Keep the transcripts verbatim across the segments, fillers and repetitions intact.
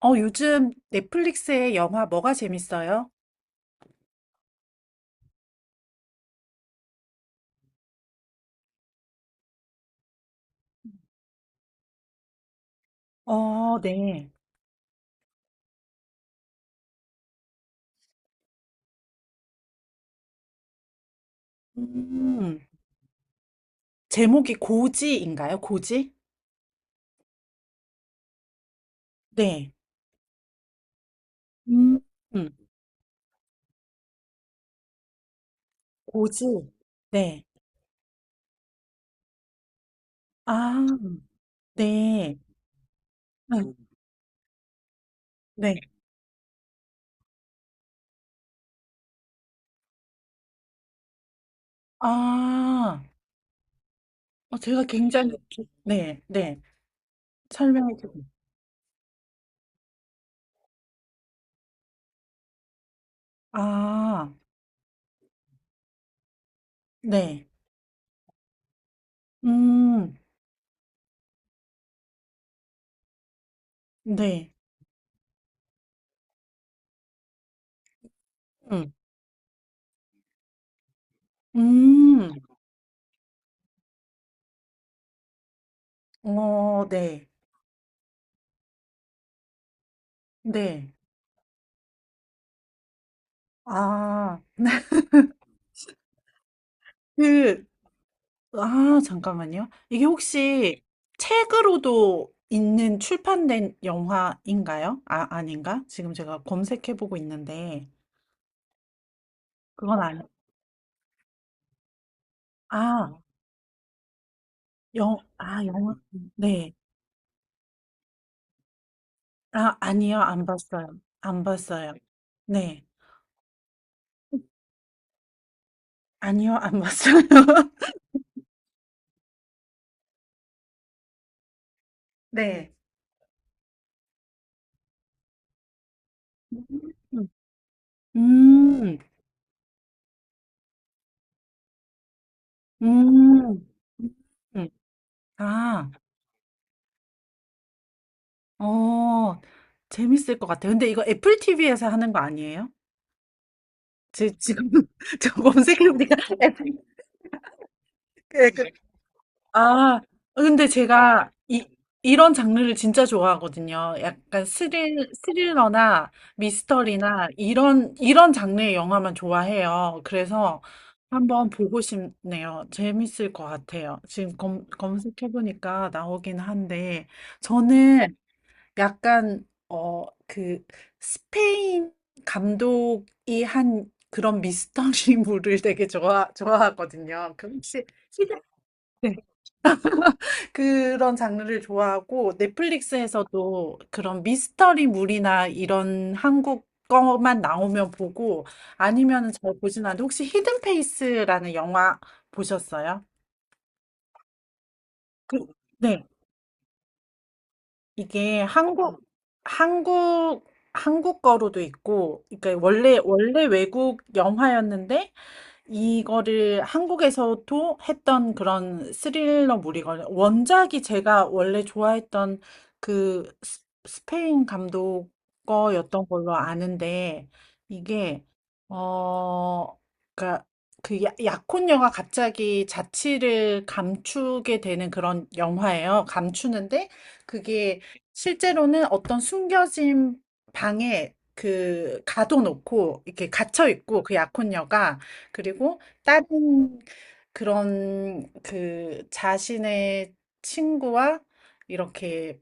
어, 요즘 넷플릭스의 영화 뭐가 재밌어요? 어, 네. 음, 제목이 고지인가요? 고지? 네. 음, 음, 고지. 네. 아, 네. 응, 네. 아, 어, 제가 굉장히, 기- 네, 네. 설명해 주세요. 아, 네. 음, 네. 음, 음, 어, 네. 네. 아, 그, 아, 잠깐만요. 이게 혹시 책으로도 있는 출판된 영화인가요? 아, 아닌가? 지금 제가 검색해보고 있는데, 그건 아니, 아, 영, 아, 영화, 네. 아, 아니요, 안 봤어요. 안 봤어요. 네. 아니요, 안 봤어요. 네. 음, 음, 음. 음. 아, 어, 재밌을 것 같아요. 근데 이거 애플 티비 하는 거 아니에요? 제 지금 저 검색해보니까 F- 그- 그- 그, 아 근데 제가 이 이런 장르를 진짜 좋아하거든요. 약간 스릴 스릴러나 미스터리나 이런 이런 장르의 영화만 좋아해요. 그래서 한번 보고 싶네요. 재밌을 것 같아요. 지금 검, 검색해보니까 나오긴 한데 저는 약간 어 그 스페인 감독이 한 그런 미스터리물을 되게 좋아 좋아하거든요. 그 혹시 시대- 네. 그런 장르를 좋아하고 넷플릭스에서도 그런 미스터리물이나 이런 한국 거만 나오면 보고, 아니면은 잘 보진 않는데, 혹시 히든 페이스라는 영화 보셨어요? 그, 이게 한국, 한국, 한국 거로도 있고, 그러니까 원래, 원래 외국 영화였는데, 이거를 한국에서도 했던 그런 스릴러물이거든요. 원작이 제가 원래 좋아했던 그 스- 스페인 감독 거였던 걸로 아는데, 이게, 어, 그니까 그 야- 약혼녀가 갑자기 자취를 감추게 되는 그런 영화예요. 감추는데, 그게 실제로는 어떤 숨겨진 방에 그 가둬놓고 이렇게 갇혀 있고 그 약혼녀가 그리고 다른 그런 그 자신의 친구와 이렇게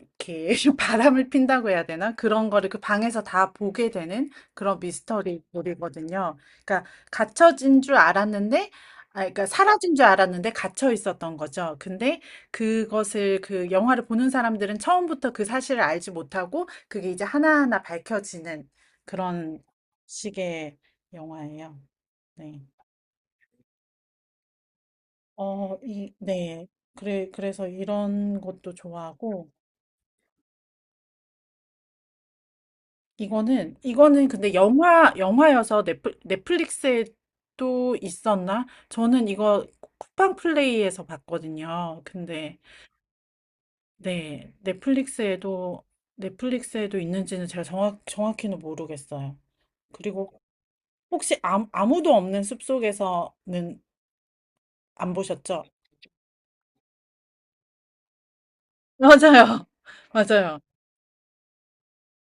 이렇게 바람을 핀다고 해야 되나? 그런 거를 그 방에서 다 보게 되는 그런 미스터리물이거든요. 그러니까 갇혀진 줄 알았는데, 아, 그러니까 사라진 줄 알았는데 갇혀 있었던 거죠. 근데 그것을 그 영화를 보는 사람들은 처음부터 그 사실을 알지 못하고 그게 이제 하나하나 밝혀지는 그런 식의 영화예요. 네. 어, 이, 네. 그래, 그래서 이런 것도 좋아하고, 이거는, 이거는 근데 영화, 영화여서 넷플, 넷플릭스에 또 있었나? 저는 이거 쿠팡 플레이에서 봤거든요. 근데, 네. 넷플릭스에도, 넷플릭스에도 있는지는 제가 정확, 정확히는 모르겠어요. 그리고 혹시 아무, 아무도 없는 숲속에서는 안 보셨죠? 맞아요. 맞아요.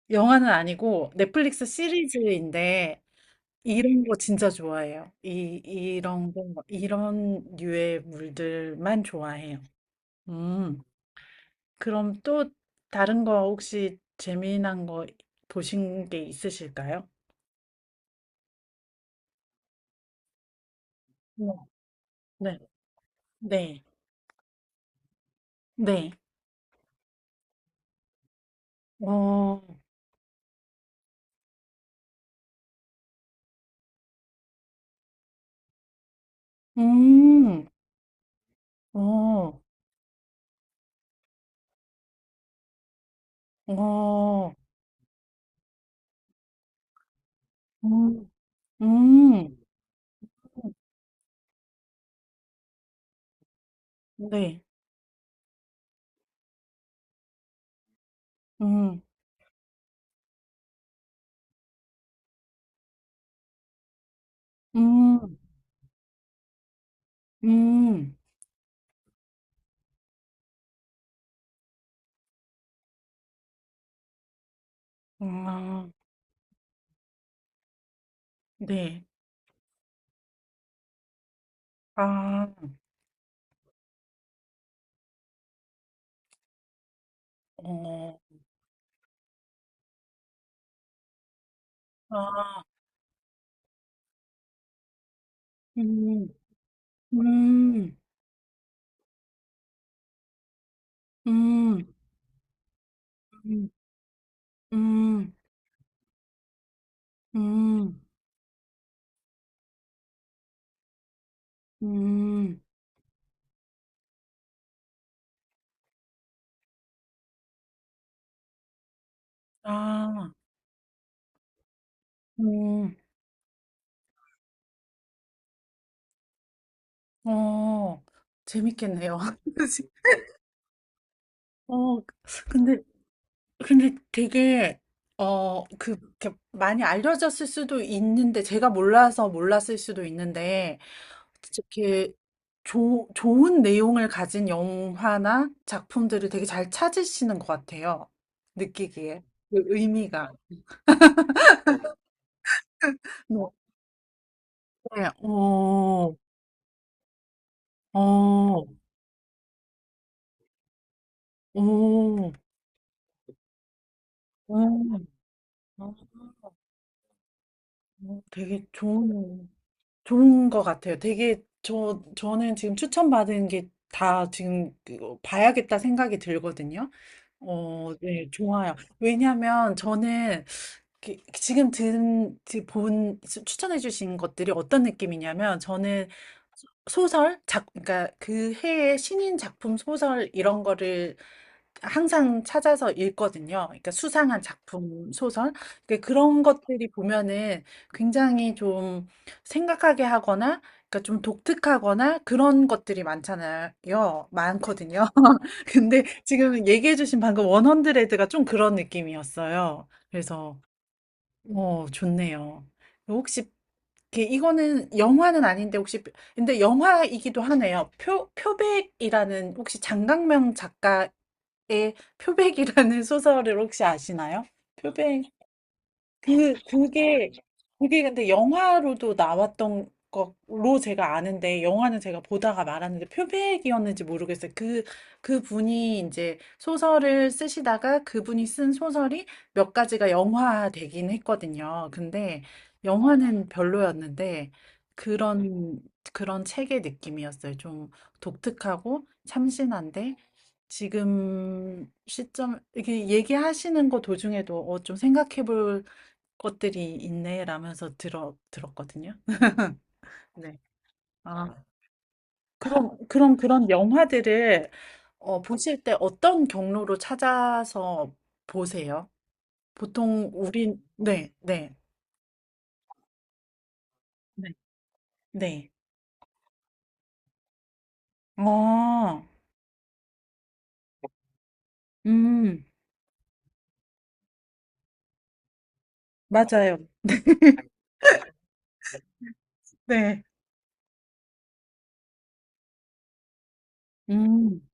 영화는 아니고 넷플릭스 시리즈인데, 이런 거 진짜 좋아해요. 이, 이런 거, 이런 류의 물들만 좋아해요. 음. 그럼 또 다른 거 혹시 재미난 거 보신 게 있으실까요? 네. 네. 네. 네. 어, 음, 어, 어, 음, 음, 네. 음, 음, 음, 아, 네. 아, 어, 아, 음. 음, 음, 음, 음, 음, 음, 아, 음. 어, 재밌겠네요. 그치? 어, 근데, 근데 되게, 어, 그, 이렇게 많이 알려졌을 수도 있는데, 제가 몰라서 몰랐을 수도 있는데, 이렇게 조, 좋은 내용을 가진 영화나 작품들을 되게 잘 찾으시는 것 같아요. 느끼기에. 그 의미가. 뭐, 네, 어, 어, 오, 오, 어, 어, 되게 좋은, 좋은 것 같아요. 되게 저 저는 지금 추천받은 게 다 지금 그 봐야겠다 생각이 들거든요. 어, 네, 좋아요. 왜냐면 하 저는 그- 지금 든, 지- 본, 추- 추천해주신 것들이 어떤 느낌이냐면 저는 소- 소설, 작, 그러니까 그 해의 신인 작품 소설 이런 거를 항상 찾아서 읽거든요. 그러니까 수상한 작품, 소설. 그러니까 그런 것들이 보면은 굉장히 좀 생각하게 하거나, 그러니까 좀 독특하거나 그런 것들이 많잖아요. 많거든요. 근데 지금 얘기해 주신 방금 원헌드레드가 좀 그런 느낌이었어요. 그래서 어, 좋네요. 혹시 이게- 이거는 영화는 아닌데 혹시 근데 영화이기도 하네요. 표 표백이라는, 혹시 장강명 작가의 표백이라는 소설을 혹시 아시나요? 표백. 그, 그게, 그게 근데 영화로도 나왔던 것로 제가 아는데, 영화는 제가 보다가 말았는데, 표백이었는지 모르겠어요. 그, 그 분이 이제 소설을 쓰시다가 그분이 쓴 소설이 몇 가지가 영화 되긴 했거든요. 근데 영화는 별로였는데, 그런, 그런 책의 느낌이었어요. 좀 독특하고 참신한데, 지금 시점, 이렇게 얘기하시는 거 도중에도 어, 좀 생각해 볼 것들이 있네라면서 들어 들었거든요. 네. 아, 그럼 그럼 그런 영화들을 어 보실 때 어떤 경로로 찾아서 보세요? 보통 우리 네, 네. 네. 네. 아. 음. 맞아요. 네. 음.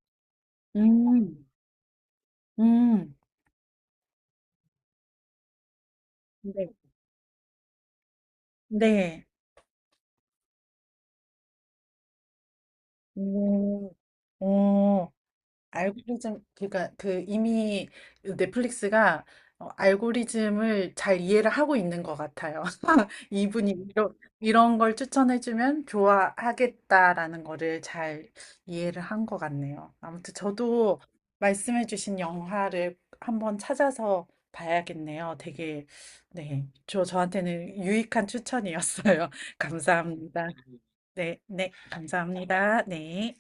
음. 음. 네. 네. 음. 어. 알고리즘, 그러니까 그 이미 넷플릭스가 어, 알고리즘을 잘 이해를 하고 있는 것 같아요. 이분이 이런, 이런 걸 추천해주면 좋아하겠다라는 거를 잘 이해를 한 것 같네요. 아무튼 저도 말씀해주신 영화를 한번 찾아서 봐야겠네요. 되게, 네. 저, 저한테는 유익한 추천이었어요. 감사합니다. 네, 네. 감사합니다. 네.